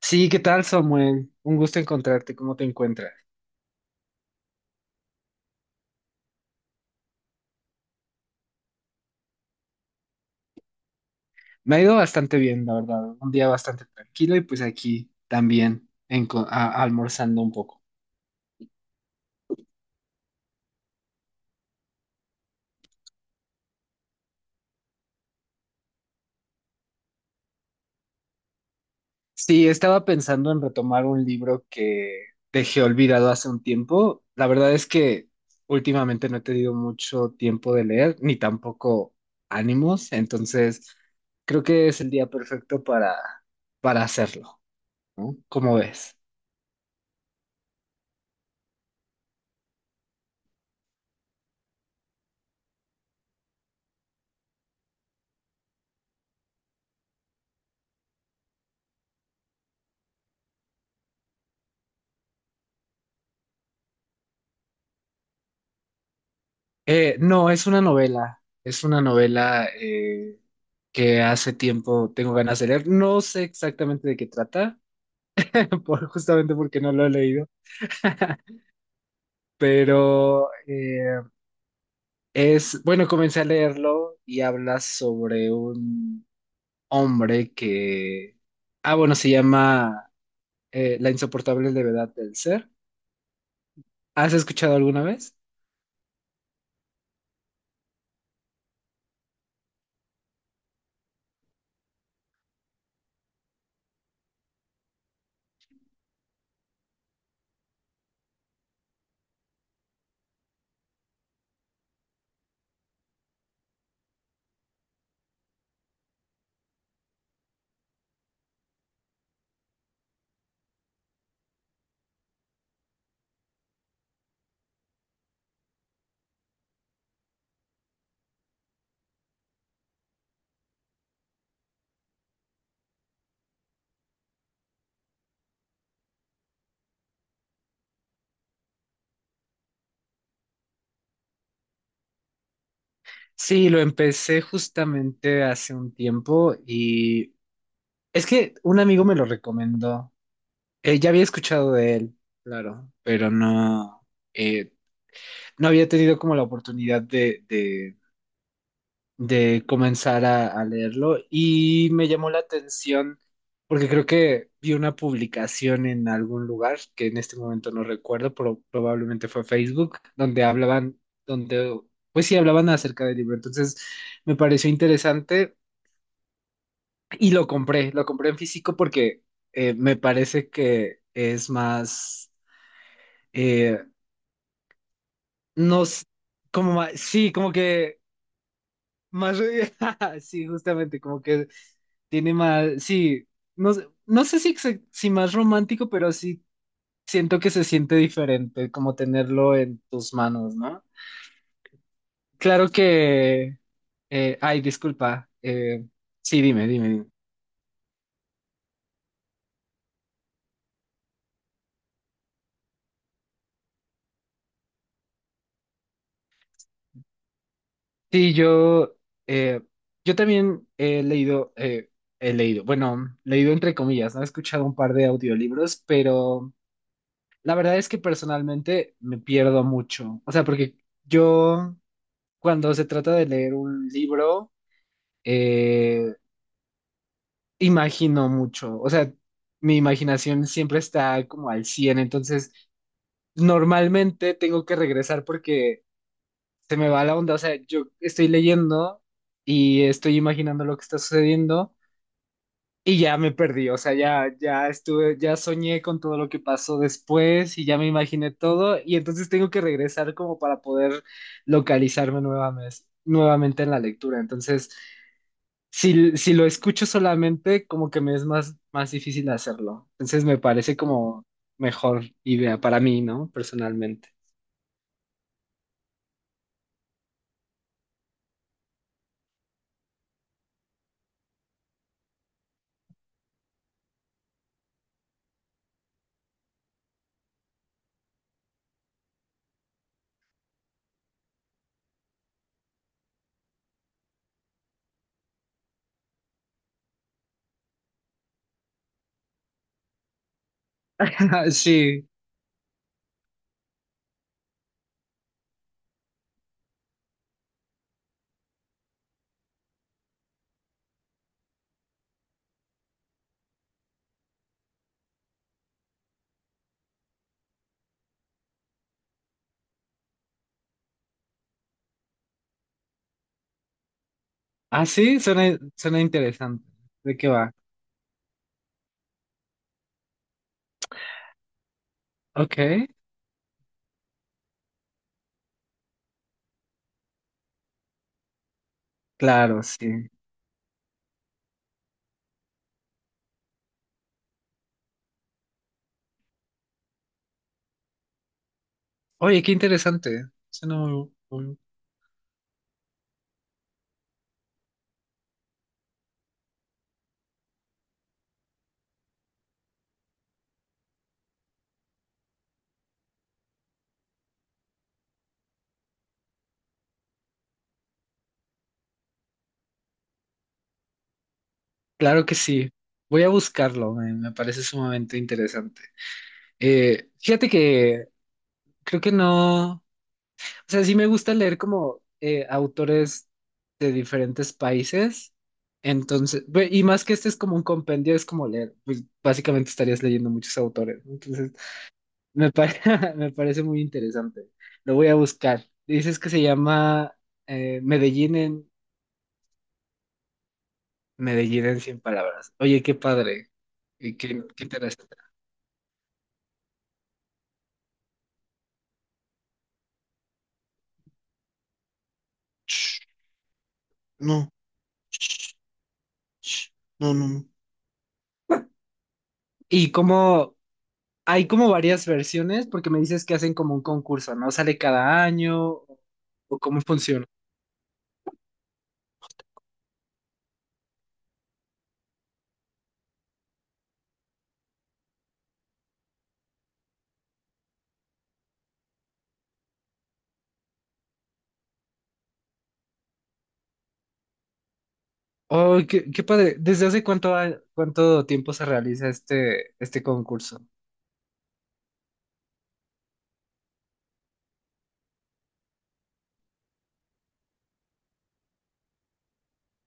Sí, ¿qué tal, Samuel? Un gusto encontrarte. ¿Cómo te encuentras? Me ha ido bastante bien, la verdad. Un día bastante tranquilo y pues aquí también almorzando un poco. Sí, estaba pensando en retomar un libro que dejé olvidado hace un tiempo. La verdad es que últimamente no he tenido mucho tiempo de leer, ni tampoco ánimos, entonces creo que es el día perfecto para hacerlo, ¿no? ¿Cómo ves? No, es una novela. Es una novela que hace tiempo tengo ganas de leer. No sé exactamente de qué trata, justamente porque no lo he leído. Pero bueno, comencé a leerlo y habla sobre un hombre que, ah, bueno, se llama La insoportable levedad del ser. ¿Has escuchado alguna vez? Sí, lo empecé justamente hace un tiempo y es que un amigo me lo recomendó. Ya había escuchado de él, claro, pero no, eh, no había tenido como la oportunidad de comenzar a leerlo, y me llamó la atención porque creo que vi una publicación en algún lugar que en este momento no recuerdo, pero probablemente fue Facebook, donde hablaban, donde, pues sí, hablaban acerca del libro. Entonces me pareció interesante. Y lo compré en físico porque me parece que es más, eh, no, como más, sí, como que más, sí, justamente, como que tiene más, sí, no, no sé si, si más romántico, pero sí siento que se siente diferente como tenerlo en tus manos, ¿no? Claro que, ay, disculpa, sí, dime, dime, dime. Sí, eh, yo también he leído, bueno, leído entre comillas, ¿no? He escuchado un par de audiolibros, pero la verdad es que personalmente me pierdo mucho. O sea, porque yo, cuando se trata de leer un libro, eh, imagino mucho. O sea, mi imaginación siempre está como al cien, entonces normalmente tengo que regresar porque se me va la onda. O sea, yo estoy leyendo y estoy imaginando lo que está sucediendo. Y ya me perdí, o sea, ya estuve, ya soñé con todo lo que pasó después y ya me imaginé todo, y entonces tengo que regresar como para poder localizarme nuevamente en la lectura. Entonces, si lo escucho solamente, como que me es más difícil hacerlo. Entonces me parece como mejor idea para mí, ¿no? Personalmente. Sí. Ah, sí, suena interesante. ¿De qué va? Ok, claro, sí. Oye, qué interesante. Suena muy, muy. Claro que sí. Voy a buscarlo, me parece sumamente interesante. Fíjate que creo que no, o sea, sí me gusta leer como autores de diferentes países. Entonces, y más que este es como un compendio, es como leer, pues básicamente estarías leyendo muchos autores, ¿no? Entonces, me, pare- me parece muy interesante. Lo voy a buscar. Dices que se llama eh, Medellín en Medellín en 100 palabras. Oye, qué padre. Y qué interesante. Ch, no. No, no, no. Y como hay como varias versiones, porque me dices que hacen como un concurso, ¿no? ¿Sale cada año o cómo funciona? Oh, qué padre. ¿Desde hace cuánto, cuánto tiempo se realiza este concurso?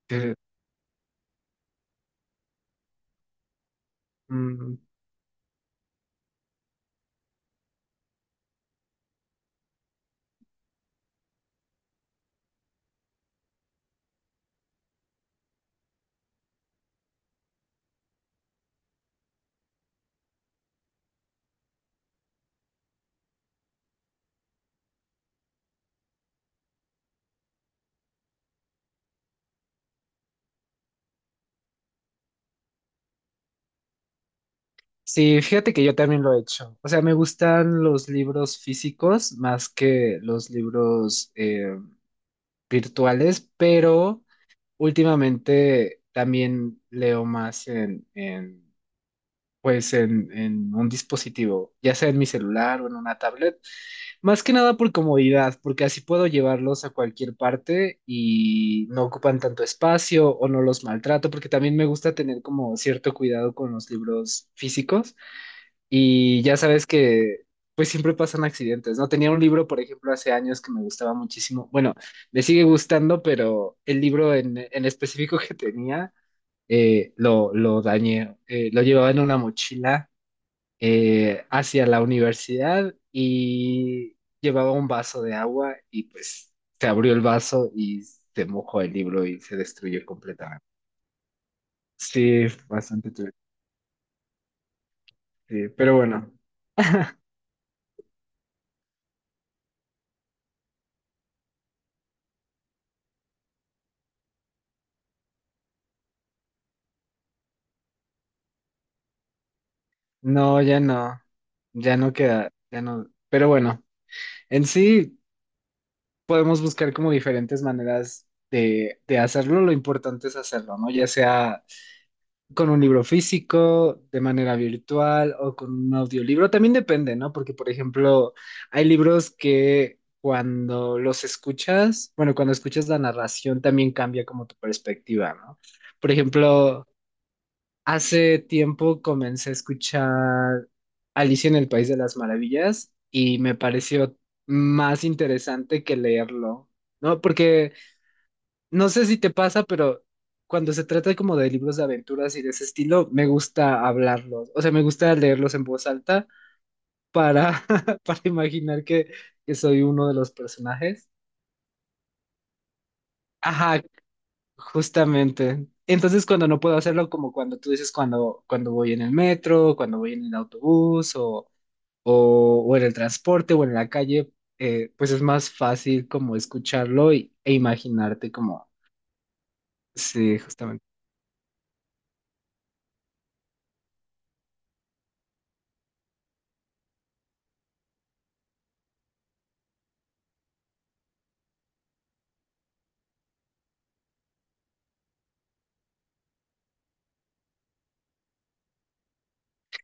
Que, mm, sí, fíjate que yo también lo he hecho. O sea, me gustan los libros físicos más que los libros virtuales, pero últimamente también leo más en pues en un dispositivo, ya sea en mi celular o en una tablet, más que nada por comodidad, porque así puedo llevarlos a cualquier parte y no ocupan tanto espacio o no los maltrato, porque también me gusta tener como cierto cuidado con los libros físicos, y ya sabes que pues siempre pasan accidentes, ¿no? Tenía un libro, por ejemplo, hace años, que me gustaba muchísimo, bueno, me sigue gustando, pero el libro en específico que tenía lo dañé. Lo llevaba en una mochila hacia la universidad, y llevaba un vaso de agua y pues se abrió el vaso y se mojó el libro y se destruyó completamente. Sí, bastante turbio. Sí, pero bueno, no, ya no, ya no queda, ya no. Pero bueno, en sí podemos buscar como diferentes maneras de hacerlo, lo importante es hacerlo, ¿no? Ya sea con un libro físico, de manera virtual o con un audiolibro. También depende, ¿no? Porque, por ejemplo, hay libros que cuando los escuchas, bueno, cuando escuchas la narración también cambia como tu perspectiva, ¿no? Por ejemplo, hace tiempo comencé a escuchar Alicia en el País de las Maravillas y me pareció más interesante que leerlo, ¿no? Porque no sé si te pasa, pero cuando se trata como de libros de aventuras y de ese estilo, me gusta hablarlos. O sea, me gusta leerlos en voz alta para, para imaginar que soy uno de los personajes. Ajá, justamente. Entonces, cuando no puedo hacerlo, como cuando tú dices, cuando voy en el metro, cuando voy en el autobús o en el transporte o en la calle, pues es más fácil como escucharlo e imaginarte como, sí.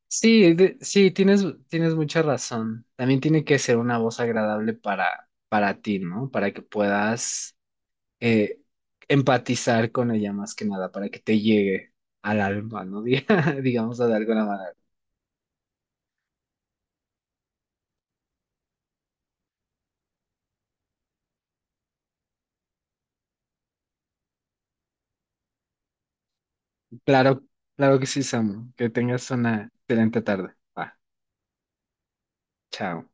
Sí, sí, tienes mucha razón. También tiene que ser una voz agradable para ti, ¿no? Para que puedas eh, empatizar con ella más que nada, para que te llegue al alma, ¿no? Digamos de alguna manera. Claro, claro que sí, Samu. Que tengas una excelente tarde. Va, chao.